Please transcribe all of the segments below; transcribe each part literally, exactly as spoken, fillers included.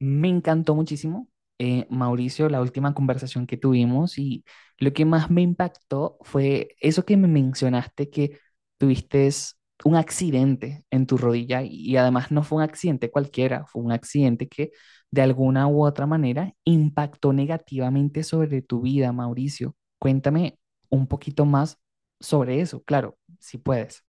Me encantó muchísimo, eh, Mauricio, la última conversación que tuvimos y lo que más me impactó fue eso que me mencionaste que tuviste un accidente en tu rodilla y además no fue un accidente cualquiera, fue un accidente que de alguna u otra manera impactó negativamente sobre tu vida, Mauricio. Cuéntame un poquito más sobre eso, claro, si puedes.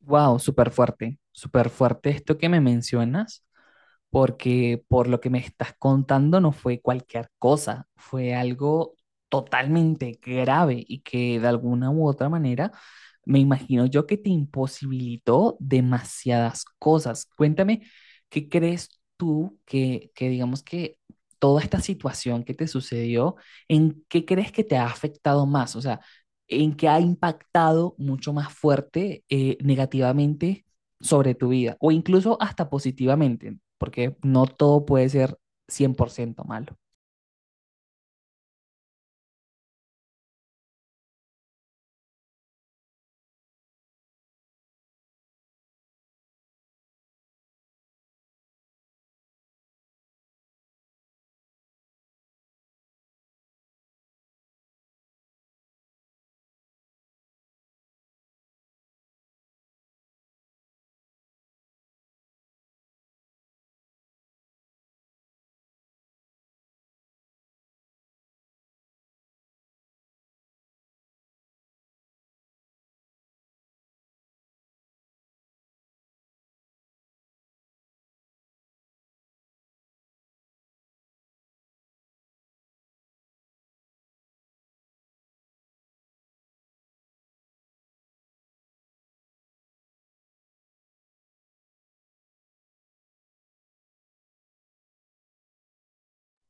Wow, súper fuerte, súper fuerte esto que me mencionas, porque por lo que me estás contando no fue cualquier cosa, fue algo totalmente grave y que de alguna u otra manera me imagino yo que te imposibilitó demasiadas cosas. Cuéntame, ¿qué crees tú que, que digamos que toda esta situación que te sucedió, en qué crees que te ha afectado más? O sea, ¿en qué ha impactado mucho más fuerte eh, negativamente sobre tu vida, o incluso hasta positivamente, porque no todo puede ser cien por ciento malo?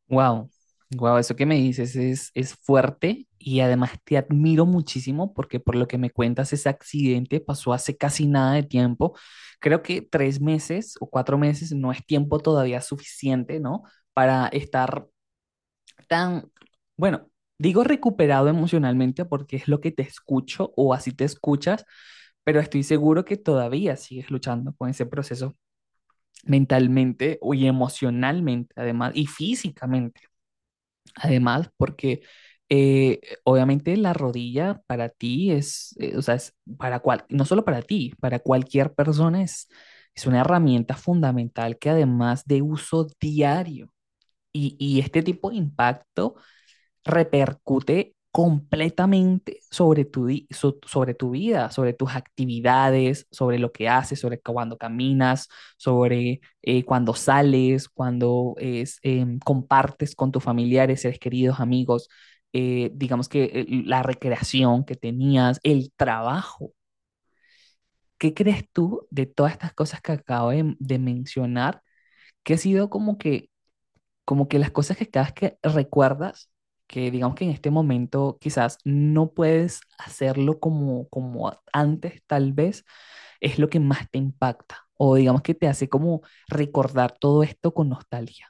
Wow, wow, eso que me dices es, es fuerte y además te admiro muchísimo porque por lo que me cuentas ese accidente pasó hace casi nada de tiempo. Creo que tres meses o cuatro meses no es tiempo todavía suficiente, ¿no? Para estar tan, bueno, digo recuperado emocionalmente porque es lo que te escucho o así te escuchas, pero estoy seguro que todavía sigues luchando con ese proceso mentalmente y emocionalmente, además, y físicamente, además, porque eh, obviamente la rodilla para ti es, eh, o sea, es para cual, no solo para ti, para cualquier persona es, es una herramienta fundamental que además de uso diario y, y este tipo de impacto repercute completamente sobre tu, di- so- sobre tu vida, sobre tus actividades, sobre lo que haces, sobre cuando caminas, sobre eh, cuando sales, cuando es, em, compartes con tus familiares, seres queridos, amigos, eh, digamos que eh, la recreación que tenías, el trabajo. ¿Qué crees tú de todas estas cosas que acabo de, de mencionar que ha sido como que como que las cosas que cada vez que recuerdas, que digamos que en este momento quizás no puedes hacerlo como, como a- antes, tal vez, es lo que más te impacta o digamos que te hace como recordar todo esto con nostalgia.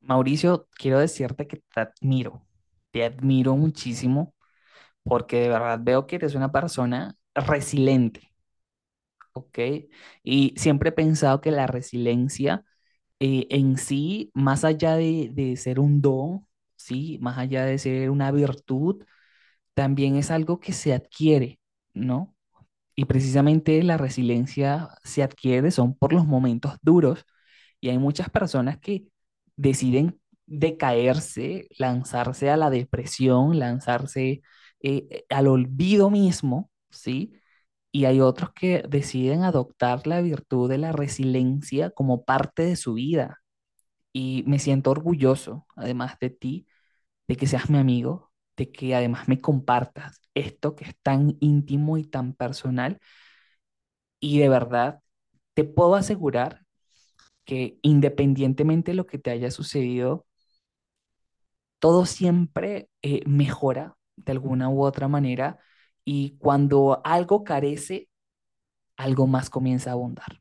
Mauricio, quiero decirte que te admiro, te admiro muchísimo porque de verdad veo que eres una persona resiliente. Ok, y siempre he pensado que la resiliencia eh, en sí, más allá de, de ser un don, sí, más allá de ser una virtud, también es algo que se adquiere, ¿no? Y precisamente la resiliencia se adquiere son por los momentos duros y hay muchas personas que deciden decaerse, lanzarse a la depresión, lanzarse eh, al olvido mismo, ¿sí? Y hay otros que deciden adoptar la virtud de la resiliencia como parte de su vida. Y me siento orgulloso, además de ti, de que seas mi amigo, de que además me compartas esto que es tan íntimo y tan personal. Y de verdad, te puedo asegurar que independientemente de lo que te haya sucedido, todo siempre eh, mejora de alguna u otra manera y cuando algo carece, algo más comienza a abundar.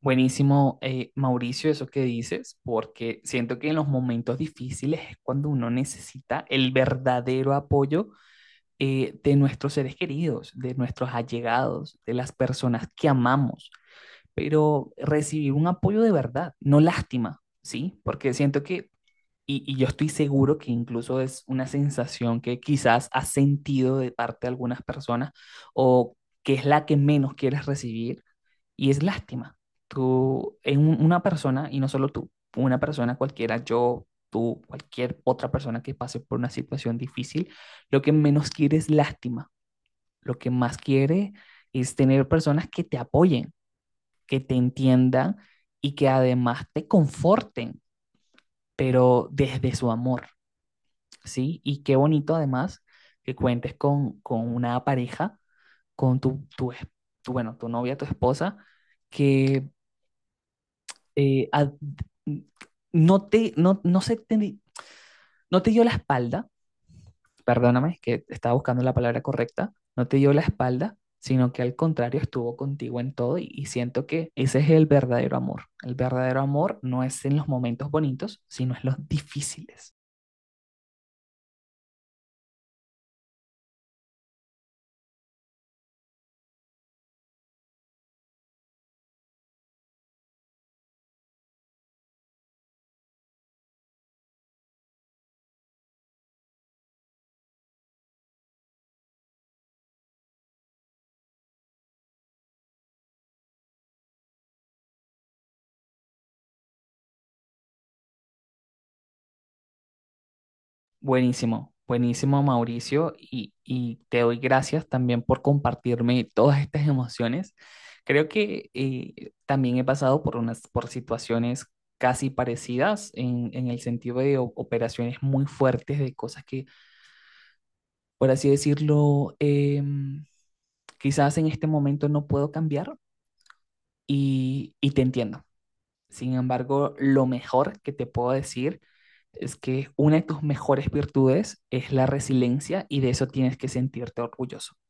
Buenísimo, eh, Mauricio, eso que dices, porque siento que en los momentos difíciles es cuando uno necesita el verdadero apoyo eh, de nuestros seres queridos, de nuestros allegados, de las personas que amamos, pero recibir un apoyo de verdad, no lástima, ¿sí? Porque siento que Y, y yo estoy seguro que incluso es una sensación que quizás has sentido de parte de algunas personas o que es la que menos quieres recibir y es lástima. Tú, en un- una persona, y no solo tú, una persona cualquiera, yo, tú, cualquier otra persona que pase por una situación difícil, lo que menos quiere es lástima. Lo que más quiere es tener personas que te apoyen, que te entiendan y que además te conforten, pero desde su amor, ¿sí? Y qué bonito además que cuentes con, con una pareja, con tu, tu, es- tu, bueno, tu novia, tu esposa, que eh, ad- no te, no, no se te, no te dio la espalda, perdóname, que estaba buscando la palabra correcta, no te dio la espalda, sino que al contrario estuvo contigo en todo y, y siento que ese es el verdadero amor. El verdadero amor no es en los momentos bonitos, sino en los difíciles. Buenísimo, buenísimo Mauricio y, y te doy gracias también por compartirme todas estas emociones. Creo que eh, también he pasado por unas por situaciones casi parecidas en, en el sentido de o- operaciones muy fuertes, de cosas que, por así decirlo, em, quizás en este momento no puedo cambiar y, y te entiendo, sin embargo, lo mejor que te puedo decir es que una de tus mejores virtudes es la resiliencia y de eso tienes que sentirte orgulloso.